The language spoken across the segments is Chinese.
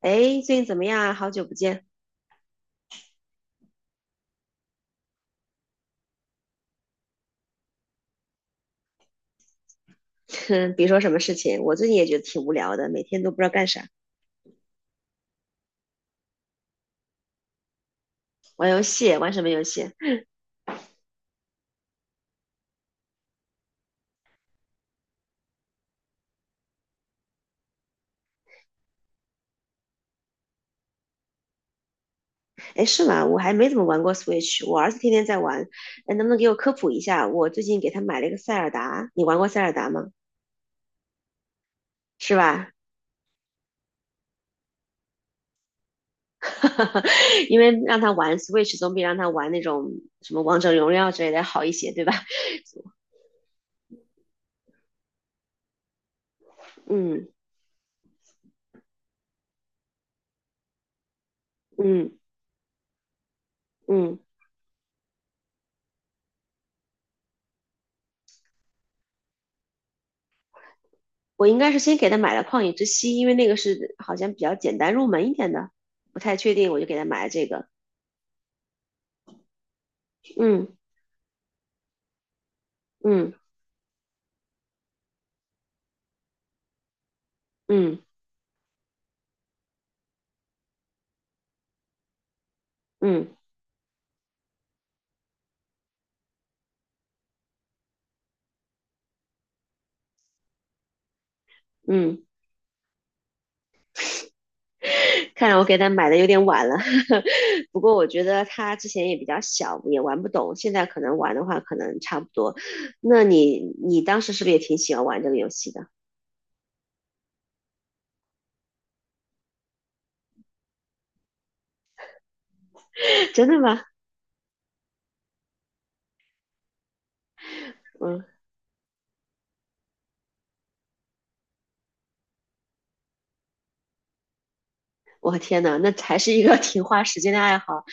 哎，最近怎么样啊？好久不见。哼，别说什么事情，我最近也觉得挺无聊的，每天都不知道干啥，玩游戏，玩什么游戏？哎，是吗？我还没怎么玩过 Switch，我儿子天天在玩。哎，能不能给我科普一下？我最近给他买了一个塞尔达，你玩过塞尔达吗？是吧？因为让他玩 Switch 总比让他玩那种什么王者荣耀之类的好一些，对吧？嗯嗯嗯，我应该是先给他买了旷野之息，因为那个是好像比较简单入门一点的。不太确定，我就给他买了这个。嗯嗯嗯嗯嗯，看来我给他买的有点晚了，不过我觉得他之前也比较小，也玩不懂，现在可能玩的话，可能差不多。那你当时是不是也挺喜欢玩这个游戏的？真的吗？嗯。我天呐，那还是一个 挺花时间的爱好。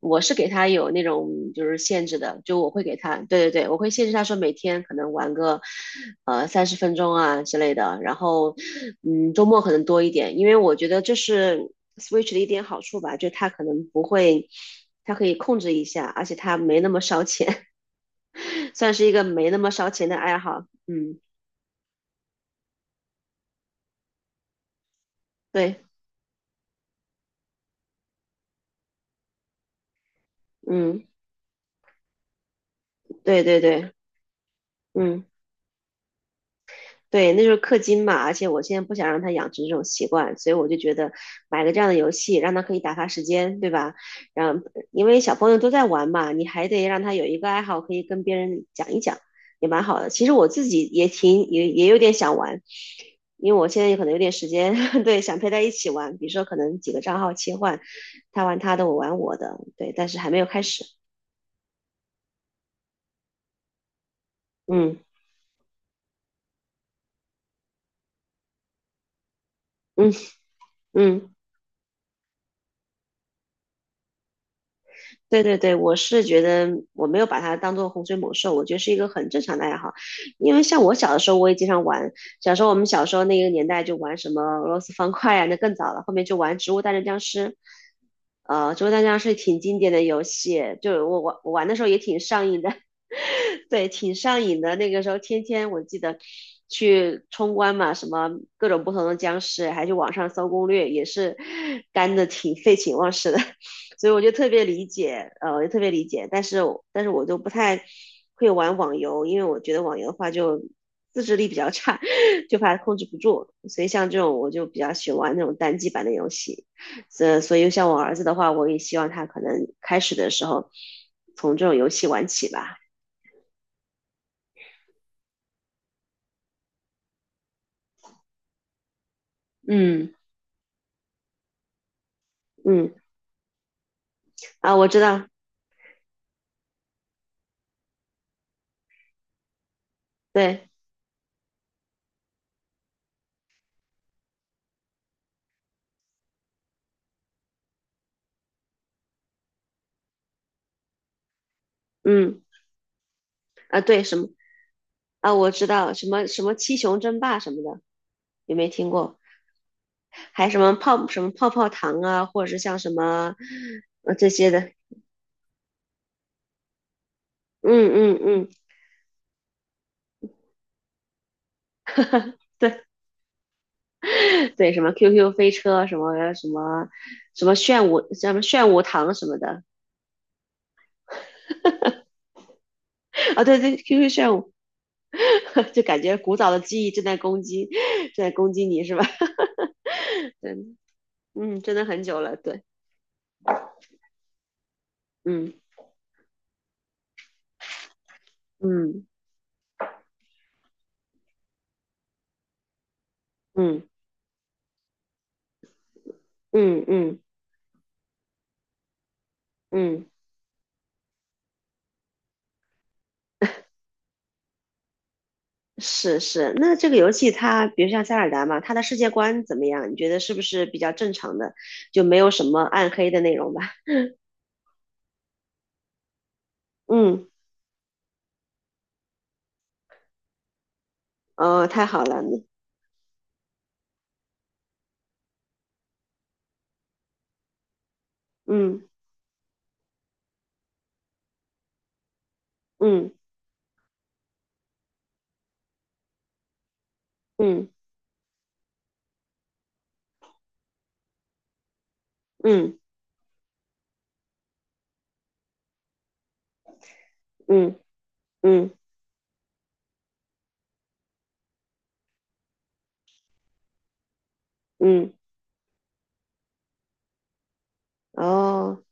我是给他有那种就是限制的，就我会给他，对对对，我会限制他说每天可能玩个30分钟啊之类的，然后嗯周末可能多一点，因为我觉得这是 Switch 的一点好处吧，就他可能不会，他可以控制一下，而且他没那么烧钱，算是一个没那么烧钱的爱好。嗯，对，嗯，对对对，嗯。对，那就是氪金嘛，而且我现在不想让他养成这种习惯，所以我就觉得买个这样的游戏，让他可以打发时间，对吧？然后，因为小朋友都在玩嘛，你还得让他有一个爱好，可以跟别人讲一讲，也蛮好的。其实我自己也挺也也有点想玩，因为我现在可能有点时间，对，想陪他一起玩，比如说可能几个账号切换，他玩他的，我玩我的，对，但是还没有开始。嗯嗯嗯。对对对，我是觉得我没有把它当做洪水猛兽，我觉得是一个很正常的爱好。因为像我小的时候，我也经常玩。小时候我们小时候那个年代就玩什么俄罗斯方块啊，那更早了。后面就玩《植物大战僵尸》，植物大战僵尸》挺经典的游戏，就我玩的时候也挺上瘾的，对，挺上瘾的。那个时候天天我记得去冲关嘛，什么各种不同的僵尸，还去网上搜攻略，也是干的挺废寝忘食的。所以我就特别理解，我就特别理解，但是我就不太会玩网游，因为我觉得网游的话就自制力比较差，就怕控制不住，所以像这种我就比较喜欢玩那种单机版的游戏，所以像我儿子的话，我也希望他可能开始的时候从这种游戏玩起吧，嗯嗯啊，我知道，对，嗯啊对什么啊我知道什么什么七雄争霸什么的，有没有听过？还什么泡什么泡泡糖啊，或者是像什么这些的，嗯嗯嗯，对 对，什么 QQ 飞车，什么什么什么炫舞，什么炫舞糖什么的，啊对对，QQ 炫舞，就感觉古早的记忆正在攻击，正在攻击你是吧？对，嗯，真的很久了，对，嗯嗯嗯嗯嗯嗯。嗯是是，那这个游戏它，比如像塞尔达嘛，它的世界观怎么样？你觉得是不是比较正常的，就没有什么暗黑的内容吧？嗯，哦，太好了，嗯嗯嗯嗯嗯嗯嗯，哦，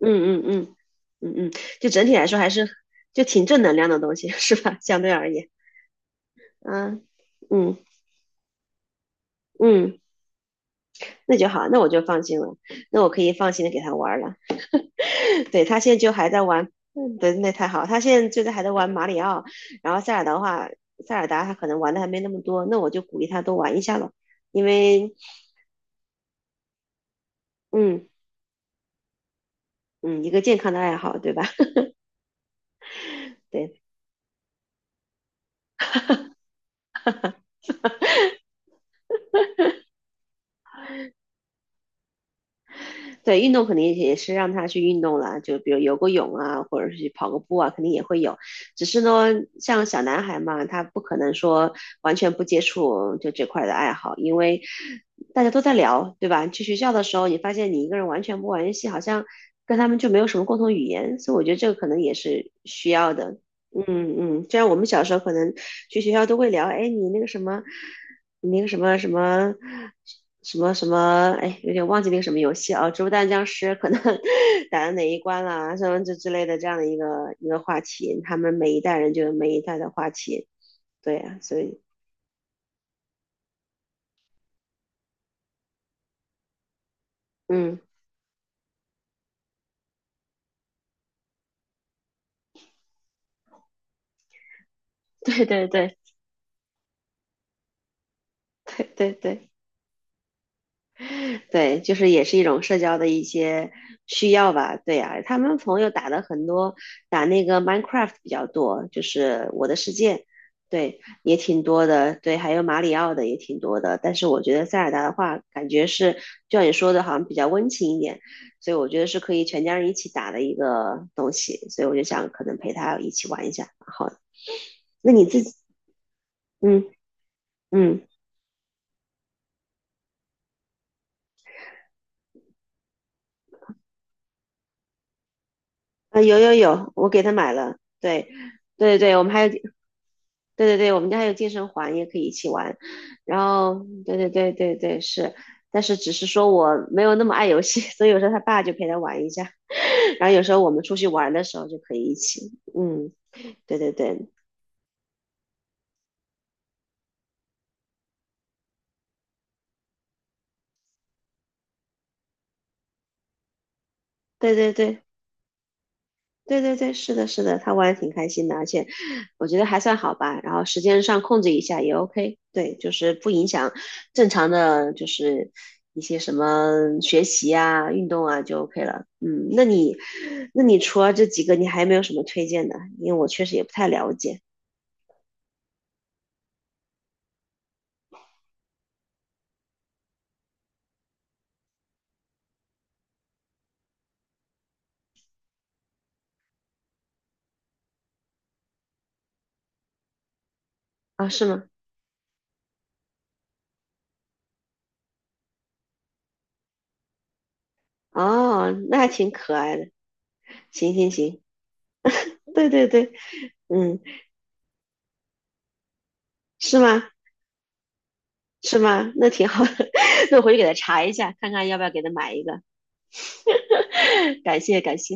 嗯嗯嗯嗯嗯，就整体来说还是就挺正能量的东西，是吧？相对而言，嗯嗯嗯，那就好，那我就放心了，那我可以放心的给他玩了。对他现在就还在玩 对，那太好，他现在就在还在玩马里奥，然后塞尔达的话，塞尔达他可能玩的还没那么多，那我就鼓励他多玩一下了，因为嗯嗯，一个健康的爱好，对吧？对，对，运动肯定也是让他去运动啦，就比如游个泳啊，或者是去跑个步啊，肯定也会有。只是呢，像小男孩嘛，他不可能说完全不接触就这块的爱好，因为大家都在聊，对吧？去学校的时候，你发现你一个人完全不玩游戏，好像跟他们就没有什么共同语言，所以我觉得这个可能也是需要的。嗯嗯，就像我们小时候可能去学校都会聊，哎，你那个什么，那个什么什么什么什么，哎，有点忘记那个什么游戏啊，植物大战僵尸可能 打到哪一关啦，什么这之类的这样的一个话题，他们每一代人就有每一代的话题，对呀、所以，嗯，对对对对对对。对，就是也是一种社交的一些需要吧。对呀、他们朋友打的很多，打那个 Minecraft 比较多，就是我的世界，对，也挺多的。对，还有马里奥的也挺多的。但是我觉得塞尔达的话，感觉是就像你说的，好像比较温情一点，所以我觉得是可以全家人一起打的一个东西。所以我就想，可能陪他一起玩一下。好，那你自己，嗯嗯，啊，有有有，我给他买了。对。对对，我们还有对对对，我们家还有健身环，也可以一起玩。然后，对对对对对，是，但是只是说我没有那么爱游戏，所以有时候他爸就陪他玩一下，然后有时候我们出去玩的时候就可以一起。嗯，对对对对对对，对对对，是的，是的，他玩的挺开心的，而且我觉得还算好吧。然后时间上控制一下也 OK，对，就是不影响正常的，就是一些什么学习啊、运动啊就 OK 了。嗯，那你，那你除了这几个，你还有没有什么推荐的？因为我确实也不太了解啊，是吗？哦，那还挺可爱的。行行行，对对对，嗯，是吗？是吗？那挺好的，那我回去给他查一下，看看要不要给他买一个。感谢感谢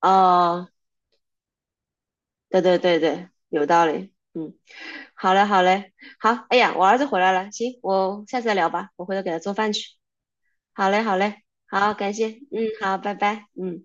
哦，对对对对，有道理。嗯，好嘞好嘞，好，哎呀，我儿子回来了，行，我下次再聊吧，我回头给他做饭去。好嘞好嘞，好，感谢，嗯，好，拜拜，嗯。